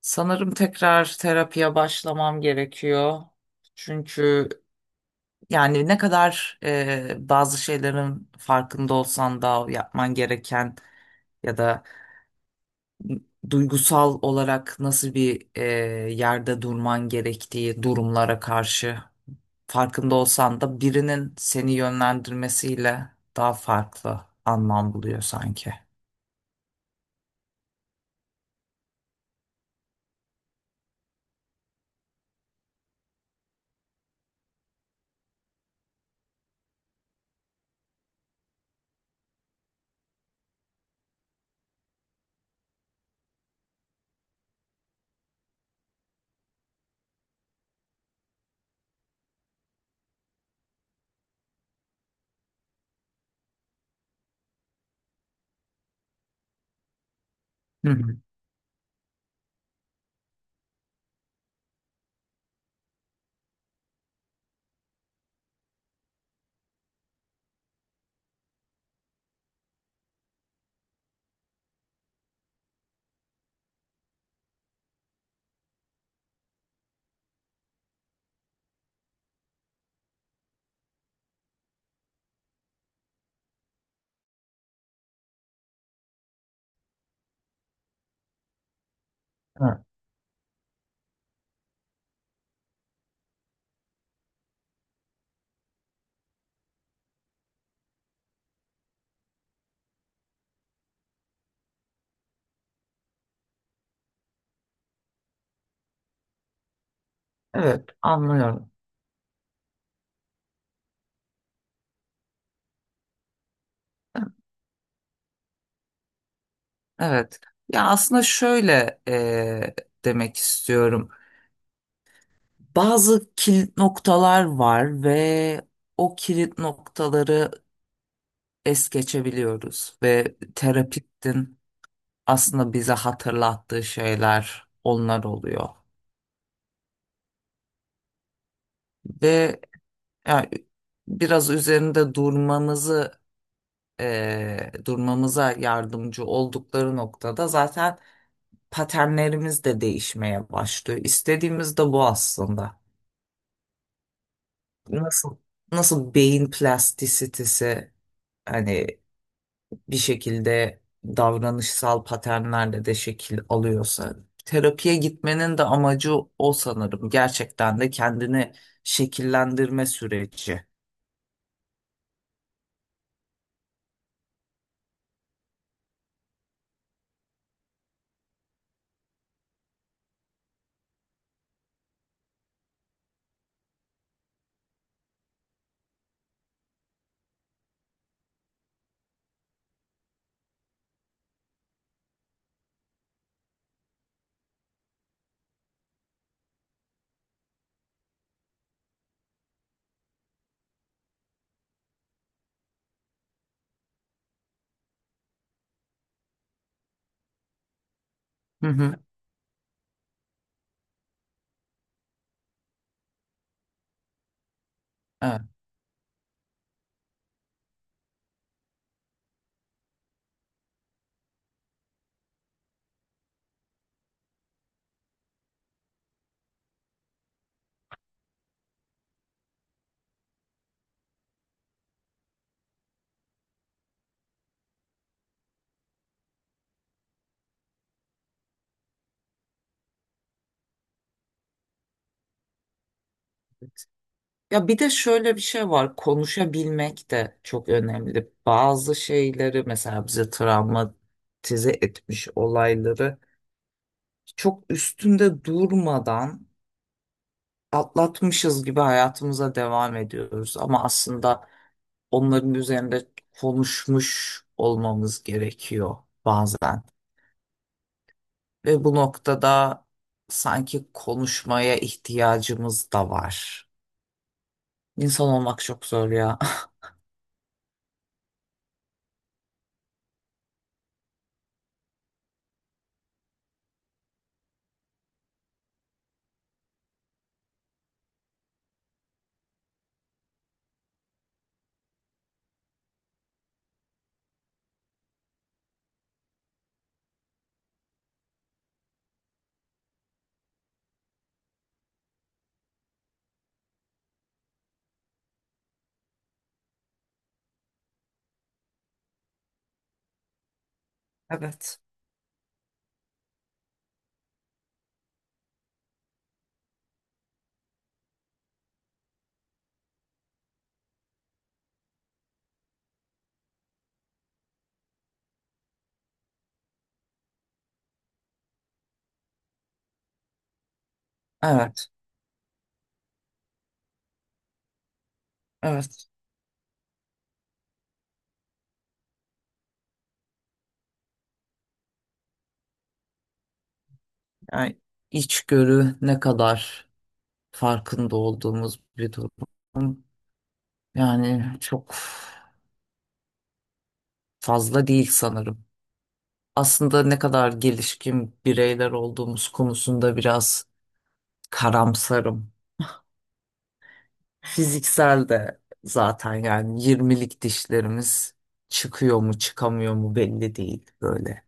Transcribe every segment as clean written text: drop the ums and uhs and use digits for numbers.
Sanırım tekrar terapiye başlamam gerekiyor. Çünkü yani ne kadar bazı şeylerin farkında olsan da yapman gereken ya da duygusal olarak nasıl bir yerde durman gerektiği durumlara karşı farkında olsan da birinin seni yönlendirmesiyle daha farklı anlam buluyor sanki. Hı hı. Evet, Evet, anlıyorum. Evet. Ya aslında şöyle demek istiyorum. Bazı kilit noktalar var ve o kilit noktaları es geçebiliyoruz ve terapistin aslında bize hatırlattığı şeyler onlar oluyor. Ve ya, biraz üzerinde durmamızı durmamıza yardımcı oldukları noktada zaten paternlerimiz de değişmeye başlıyor. İstediğimiz de bu aslında. Nasıl nasıl beyin plastisitesi hani bir şekilde davranışsal paternlerle de şekil alıyorsa terapiye gitmenin de amacı o sanırım. Gerçekten de kendini şekillendirme süreci. Hı hı. Evet. Ya bir de şöyle bir şey var. Konuşabilmek de çok önemli. Bazı şeyleri mesela bize travmatize etmiş olayları çok üstünde durmadan atlatmışız gibi hayatımıza devam ediyoruz ama aslında onların üzerinde konuşmuş olmamız gerekiyor bazen. Ve bu noktada sanki konuşmaya ihtiyacımız da var. İnsan olmak çok zor ya. Evet. Evet, evet. Yani içgörü ne kadar farkında olduğumuz bir durum. Yani çok fazla değil sanırım. Aslında ne kadar gelişkin bireyler olduğumuz konusunda biraz karamsarım. Fiziksel de zaten, yani yirmilik dişlerimiz çıkıyor mu çıkamıyor mu belli değil, böyle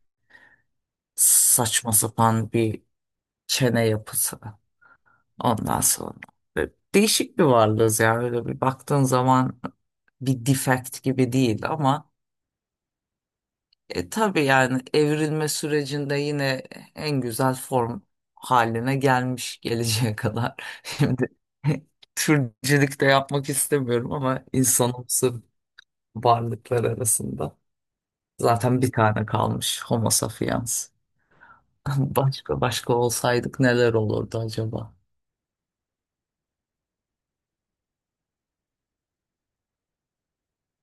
saçma sapan bir çene yapısı ondan sonra. Böyle değişik bir varlığız yani, öyle bir baktığın zaman bir defect gibi değil ama tabii yani evrilme sürecinde yine en güzel form haline gelmiş geleceğe kadar. Şimdi türcülük de yapmak istemiyorum ama insanımsı varlıklar arasında zaten bir tane kalmış Homo sapiens. Başka başka olsaydık neler olurdu acaba?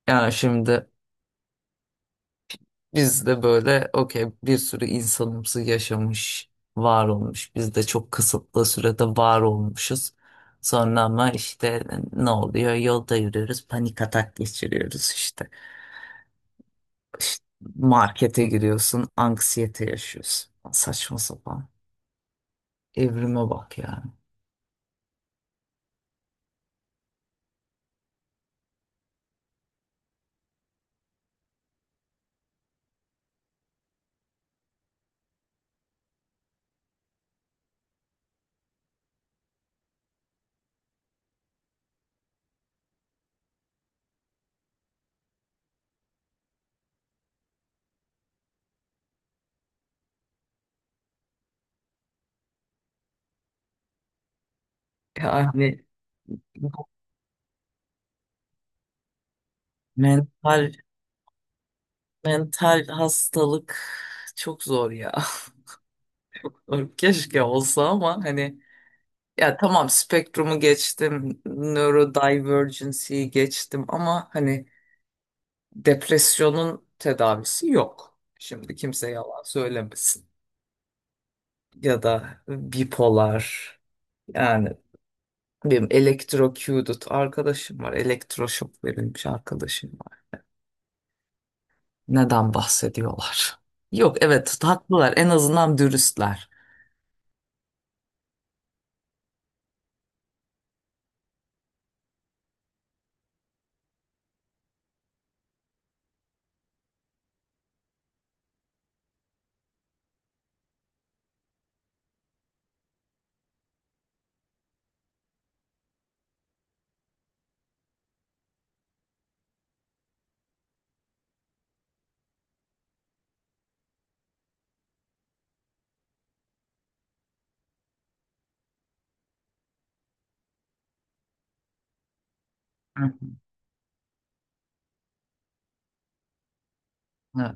Yani şimdi biz de böyle okey, bir sürü insanımsı yaşamış, var olmuş. Biz de çok kısıtlı sürede var olmuşuz. Sonra ama işte ne oluyor? Yolda yürüyoruz, panik atak geçiriyoruz işte. İşte markete giriyorsun, anksiyete yaşıyorsun. Saçma sapan. Evrime bak yani. Yani bu mental mental hastalık çok zor ya. Keşke olsa ama hani ya, tamam, spektrumu geçtim, neurodivergency'yi geçtim ama hani depresyonun tedavisi yok. Şimdi kimse yalan söylemesin. Ya da bipolar, yani benim electrocuted arkadaşım var. Elektroşok verilmiş arkadaşım var. Neden bahsediyorlar? Yok, evet haklılar, en azından dürüstler. Hı hı. Evet.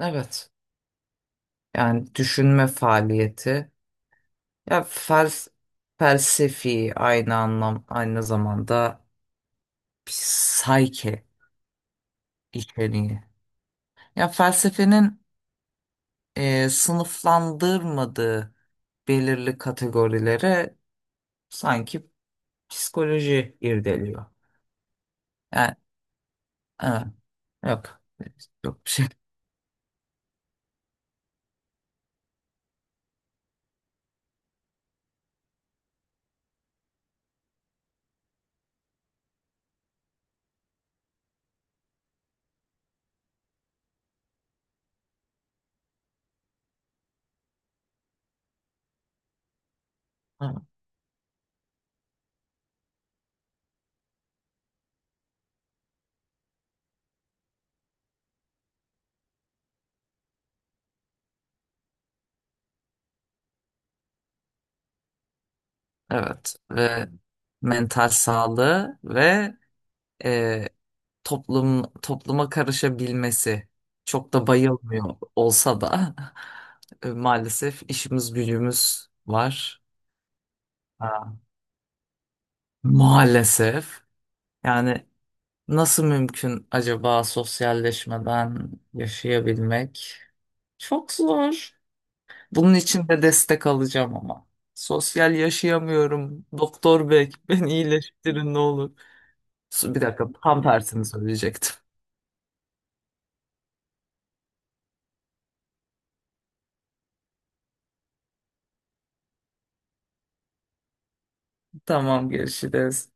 Evet. Yani düşünme faaliyeti. Ya felsefi aynı anlam aynı zamanda psike içeriği. Ya felsefenin sınıflandırmadığı belirli kategorilere sanki psikoloji irdeliyor. Yani evet, yok yok bir şey. Evet ve mental sağlığı ve e, toplum topluma karışabilmesi çok da bayılmıyor olsa da maalesef işimiz gücümüz var. Ha. Maalesef. Yani nasıl mümkün acaba sosyalleşmeden yaşayabilmek? Çok zor. Bunun için de destek alacağım ama. Sosyal yaşayamıyorum. Doktor bey beni iyileştirin ne olur. Bir dakika, tam tersini söyleyecektim. Tamam, görüşürüz.